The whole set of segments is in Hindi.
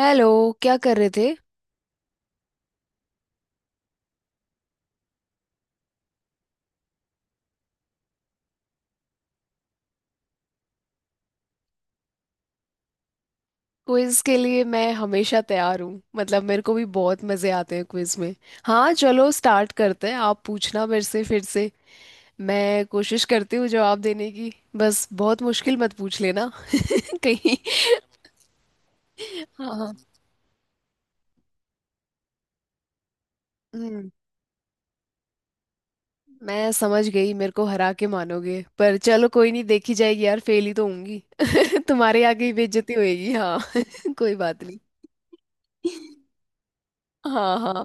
हेलो। क्या कर रहे थे? क्विज के लिए मैं हमेशा तैयार हूँ। मतलब मेरे को भी बहुत मजे आते हैं क्विज में। हाँ, चलो स्टार्ट करते हैं। आप पूछना मेरे से फिर से, मैं कोशिश करती हूँ जवाब देने की। बस बहुत मुश्किल मत पूछ लेना कहीं। हाँ हाँ। हम्म, मैं समझ गई, मेरे को हरा के मानोगे। पर चलो, कोई नहीं, देखी जाएगी यार, फेल ही तो होंगी। तुम्हारे आगे ही बेइज्जती होएगी। हाँ कोई बात नहीं। हाँ हाँ।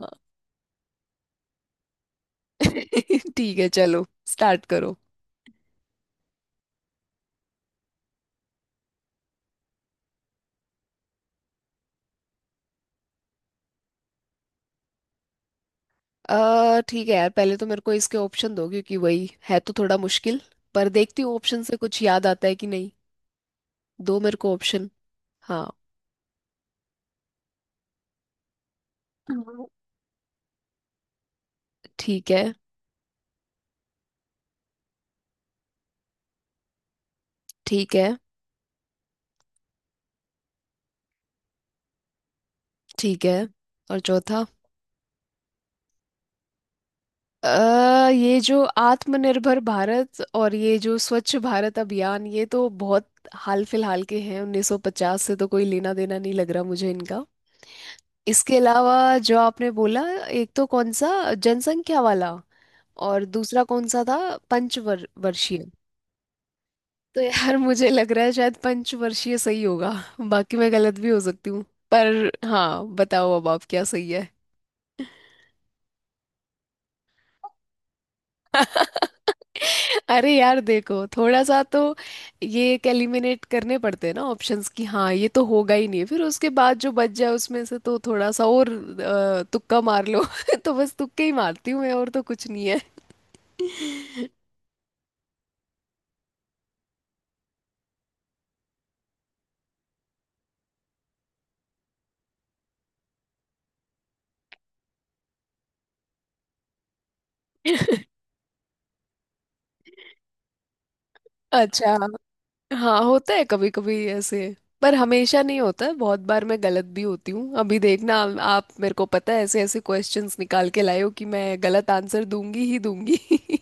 ठीक है, चलो, स्टार्ट करो। ठीक है यार, पहले तो मेरे को इसके ऑप्शन दो, क्योंकि वही है तो थोड़ा मुश्किल। पर देखती हूँ ऑप्शन से कुछ याद आता है कि नहीं। दो मेरे को ऑप्शन। हाँ। हाँ। ठीक है। ठीक है। ठीक है। और चौथा? ये जो आत्मनिर्भर भारत और ये जो स्वच्छ भारत अभियान, ये तो बहुत हाल फिलहाल के हैं। 1950 से तो कोई लेना देना नहीं लग रहा मुझे इनका। इसके अलावा जो आपने बोला, एक तो कौन सा जनसंख्या वाला, और दूसरा कौन सा था? पंचवर्षीय। तो यार मुझे लग रहा है शायद पंचवर्षीय सही होगा। बाकी मैं गलत भी हो सकती हूँ। पर हाँ, बताओ अब आप क्या सही है। अरे यार देखो, थोड़ा सा तो ये एलिमिनेट करने पड़ते हैं ना ऑप्शंस की। हाँ, ये तो होगा ही नहीं, फिर उसके बाद जो बच जाए उसमें से तो थोड़ा सा और तुक्का मार लो। तो बस तुक्के ही मारती हूँ मैं, और तो कुछ नहीं है। अच्छा। हाँ, होता है कभी कभी ऐसे। पर हमेशा नहीं होता है, बहुत बार मैं गलत भी होती हूँ। अभी देखना, आप मेरे को पता है ऐसे ऐसे क्वेश्चंस निकाल के लाए हो कि मैं गलत आंसर दूंगी ही दूंगी।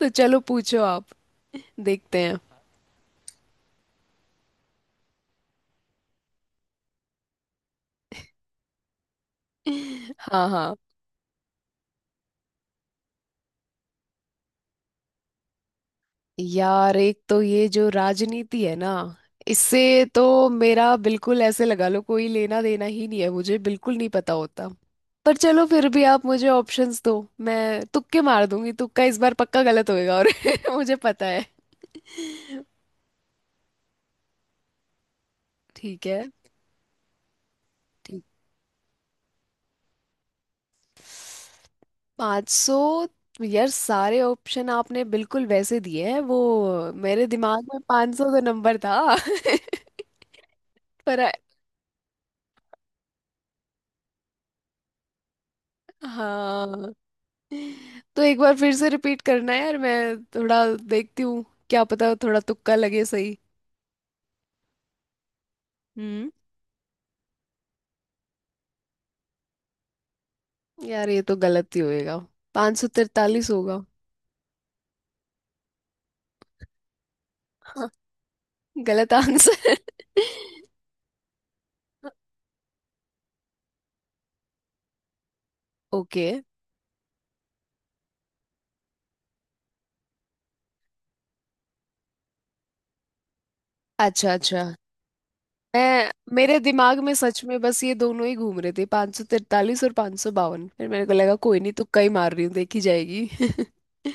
तो चलो, पूछो आप, देखते हैं। हाँ हाँ। यार एक तो ये जो राजनीति है ना, इससे तो मेरा बिल्कुल ऐसे लगा लो कोई लेना देना ही नहीं है, मुझे बिल्कुल नहीं पता होता। पर चलो फिर भी आप मुझे ऑप्शंस दो, मैं तुक्के मार दूंगी। तुक्का इस बार पक्का गलत होएगा, और मुझे पता है। ठीक है। ठीक। पाँच सौ। यार सारे ऑप्शन आपने बिल्कुल वैसे दिए हैं, वो मेरे दिमाग में पाँच सौ तो नंबर था। पर हाँ, तो एक बार फिर से रिपीट करना है यार, मैं थोड़ा देखती हूँ, क्या पता थोड़ा तुक्का लगे सही। हम्म। यार ये तो गलत ही होएगा, 543 होगा। हाँ, गलत आंसर। ओके। अच्छा अच्छा, मैं मेरे दिमाग में सच में बस ये दोनों ही घूम रहे थे, 543 और 552। फिर मेरे को लगा कोई नहीं, तुक्का ही मार रही हूँ, देखी जाएगी।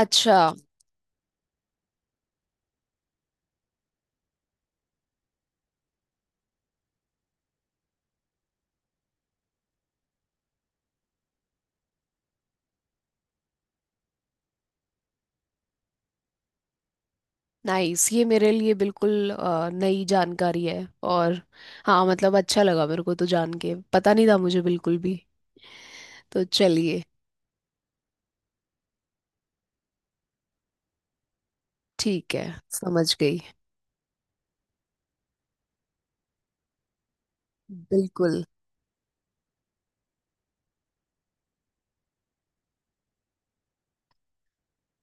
अच्छा। नाइस, ये मेरे लिए बिल्कुल नई जानकारी है। और हाँ, मतलब अच्छा लगा मेरे को तो जान के, पता नहीं था मुझे बिल्कुल भी। तो चलिए। ठीक है, समझ गई। बिल्कुल।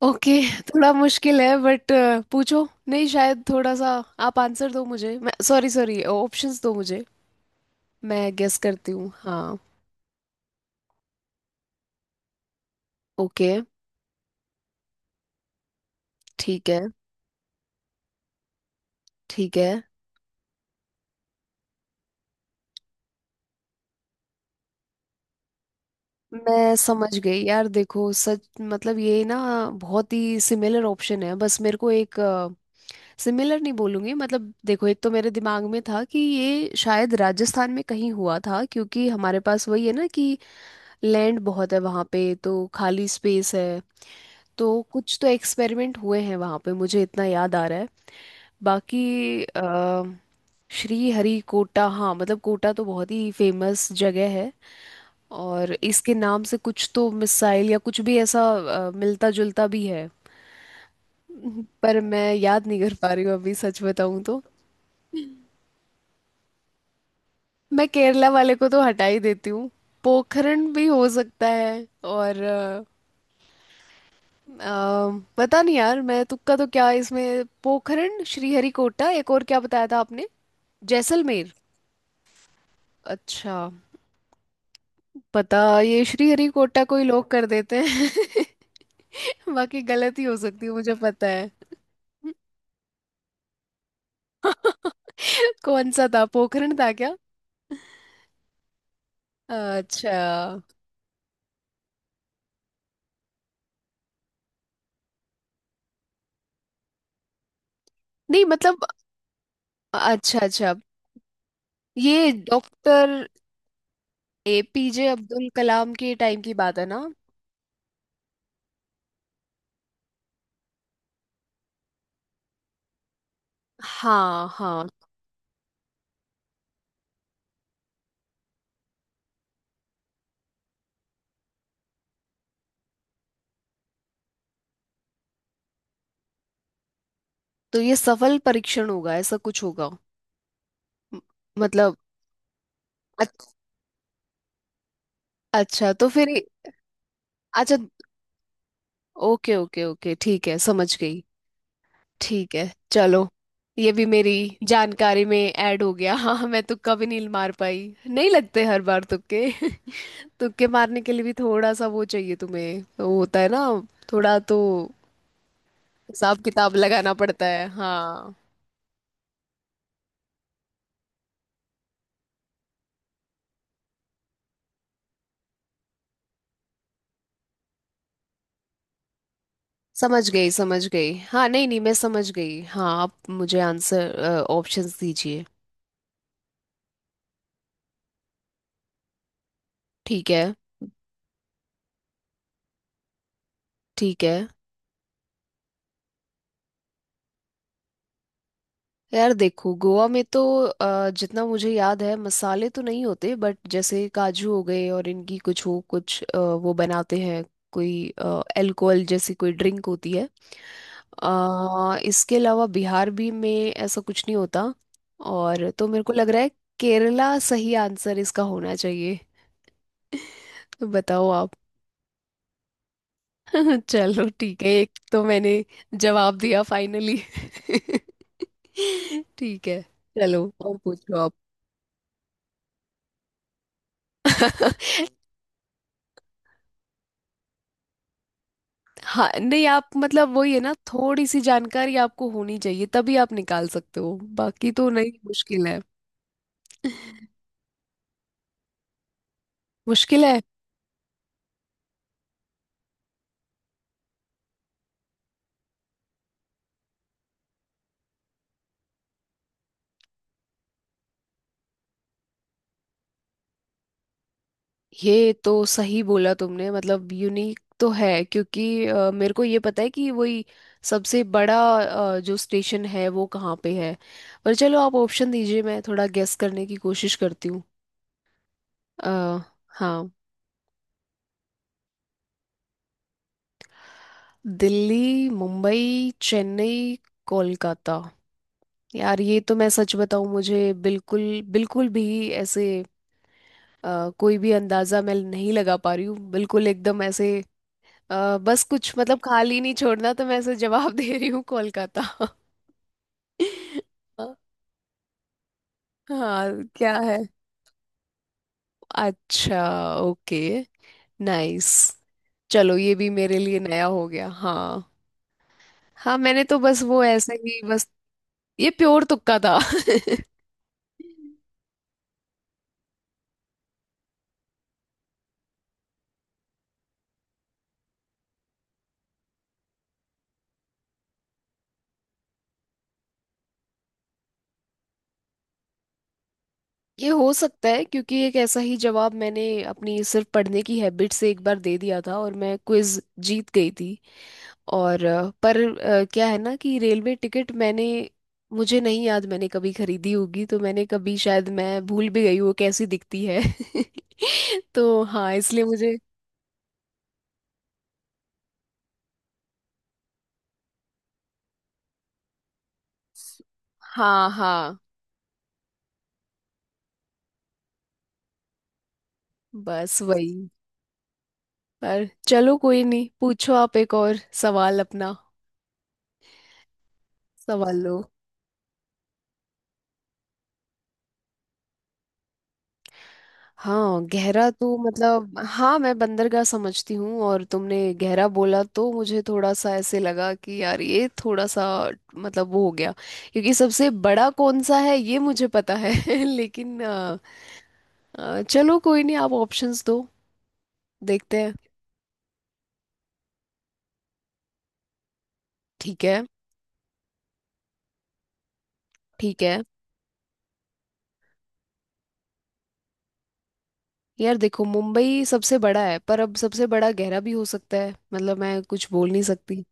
ओके। थोड़ा मुश्किल है बट पूछो, नहीं शायद थोड़ा सा। आप आंसर दो मुझे, मैं सॉरी सॉरी, ऑप्शंस दो मुझे, मैं गेस करती हूँ। हाँ। ओके। ठीक है। ठीक है। मैं समझ गई यार, देखो सच मतलब, ये ना बहुत ही सिमिलर ऑप्शन है। बस मेरे को एक, सिमिलर नहीं बोलूंगी, मतलब देखो, एक तो मेरे दिमाग में था कि ये शायद राजस्थान में कहीं हुआ था, क्योंकि हमारे पास वही है ना कि लैंड बहुत है वहाँ पे, तो खाली स्पेस है, तो कुछ तो एक्सपेरिमेंट हुए हैं वहाँ पे, मुझे इतना याद आ रहा है। बाकी आ, श्री हरि कोटा, हाँ, मतलब कोटा तो बहुत ही फेमस जगह है, और इसके नाम से कुछ तो मिसाइल या कुछ भी ऐसा मिलता जुलता भी है। पर मैं याद नहीं कर पा रही हूँ अभी, सच बताऊँ तो। मैं केरला वाले को तो हटा ही देती हूँ। पोखरण भी हो सकता है, और अ, पता नहीं यार, मैं तुक्का तो, क्या इसमें, पोखरण, श्रीहरिकोटा, एक और क्या बताया था आपने? जैसलमेर। अच्छा, पता, ये श्रीहरिकोटा को ही लोग कर देते हैं। बाकी गलत ही हो सकती है, मुझे पता है। कौन सा था, पोखरण था क्या? अच्छा। नहीं मतलब, अच्छा अच्छा, ये डॉक्टर एपीजे अब्दुल कलाम के टाइम की बात है ना? हाँ हाँ। तो ये सफल परीक्षण होगा, ऐसा कुछ होगा? म- मतलब, अच- अच्छा तो फिर, अच्छा। ओके ओके ओके, ठीक है, समझ गई। ठीक है, चलो, ये भी मेरी जानकारी में ऐड हो गया। हाँ, मैं तुक्का भी नहीं मार पाई, नहीं लगते हर बार तुक्के। तुक्के मारने के लिए भी थोड़ा सा वो चाहिए, तुम्हें वो होता है ना, थोड़ा तो हिसाब किताब लगाना पड़ता है। हाँ, समझ गई समझ गई। हाँ नहीं नहीं, मैं समझ गई हाँ। आप मुझे आंसर, ऑप्शंस दीजिए। ठीक है। ठीक है। यार देखो, गोवा में तो जितना मुझे याद है, मसाले तो नहीं होते, बट जैसे काजू हो गए, और इनकी कुछ वो, कुछ वो बनाते हैं, कोई अल्कोहल जैसी कोई ड्रिंक होती है। इसके अलावा बिहार भी में ऐसा कुछ नहीं होता, और तो मेरे को लग रहा है केरला सही आंसर इसका होना चाहिए। तो बताओ आप। चलो ठीक है, एक तो मैंने जवाब दिया फाइनली। ठीक है, चलो और पूछो आप। हाँ नहीं, आप मतलब वही है ना, थोड़ी सी जानकारी आपको होनी चाहिए तभी आप निकाल सकते हो। बाकी तो नहीं मुश्किल है। मुश्किल है। ये तो सही बोला तुमने, मतलब यूनिक तो है, क्योंकि मेरे को ये पता है कि वही सबसे बड़ा जो स्टेशन है वो कहाँ पे है। पर चलो आप ऑप्शन दीजिए, मैं थोड़ा गेस करने की कोशिश करती हूँ। अ, हाँ। दिल्ली, मुंबई, चेन्नई, कोलकाता। यार ये तो मैं सच बताऊं, मुझे बिल्कुल, बिल्कुल भी ऐसे कोई भी अंदाजा मैं नहीं लगा पा रही हूँ बिल्कुल एकदम ऐसे। बस कुछ, मतलब खाली नहीं छोड़ना, तो मैं ऐसे जवाब दे रही हूँ, कोलकाता। हाँ, क्या है? अच्छा। ओके। नाइस। चलो, ये भी मेरे लिए नया हो गया। हाँ हाँ, मैंने तो बस वो ऐसे ही बस, ये प्योर तुक्का था। ये हो सकता है, क्योंकि एक ऐसा ही जवाब मैंने अपनी सिर्फ पढ़ने की हैबिट से एक बार दे दिया था, और मैं क्विज जीत गई थी। और पर क्या है ना कि रेलवे टिकट मैंने, मुझे नहीं याद मैंने कभी खरीदी होगी, तो मैंने कभी, शायद मैं भूल भी गई वो कैसी दिखती है। तो हाँ, इसलिए मुझे। हाँ हाँ, बस वही। पर चलो कोई नहीं, पूछो आप एक और सवाल अपना, सवाल लो। हाँ गहरा, तो मतलब हाँ, मैं बंदरगाह समझती हूँ, और तुमने गहरा बोला तो मुझे थोड़ा सा ऐसे लगा कि यार ये थोड़ा सा, मतलब वो हो गया, क्योंकि सबसे बड़ा कौन सा है ये मुझे पता है। लेकिन चलो कोई नहीं, आप ऑप्शंस दो, देखते हैं। ठीक है। ठीक है। यार देखो, मुंबई सबसे बड़ा है, पर अब सबसे बड़ा गहरा भी हो सकता है, मतलब मैं कुछ बोल नहीं सकती।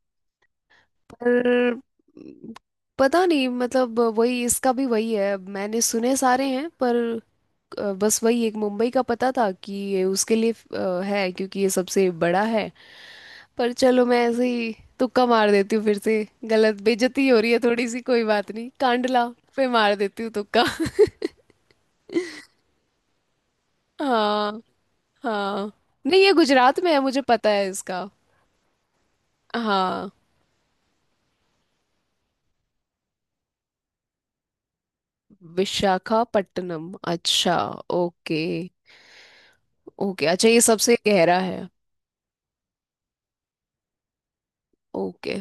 पर पता नहीं मतलब वही, इसका भी वही है, मैंने सुने सारे हैं, पर बस वही एक मुंबई का पता था कि ये उसके लिए है क्योंकि ये सबसे बड़ा है। पर चलो, मैं ऐसे ही तुक्का मार देती हूँ फिर से, गलत, बेइज्जती हो रही है थोड़ी सी, कोई बात नहीं, कांडला पे मार देती हूँ तुक्का। हाँ हाँ। नहीं ये गुजरात में है, मुझे पता है इसका। हाँ। विशाखापट्टनम, अच्छा। ओके ओके, अच्छा, ये सबसे गहरा है। ओके।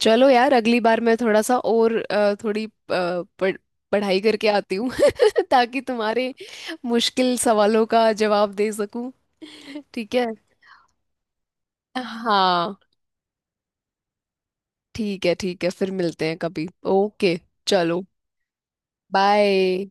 चलो यार, अगली बार मैं थोड़ा सा और थोड़ी पढ़ाई करके आती हूँ ताकि तुम्हारे मुश्किल सवालों का जवाब दे सकूं। ठीक है। हाँ, ठीक है, ठीक है, फिर मिलते हैं कभी। ओके। चलो। बाय।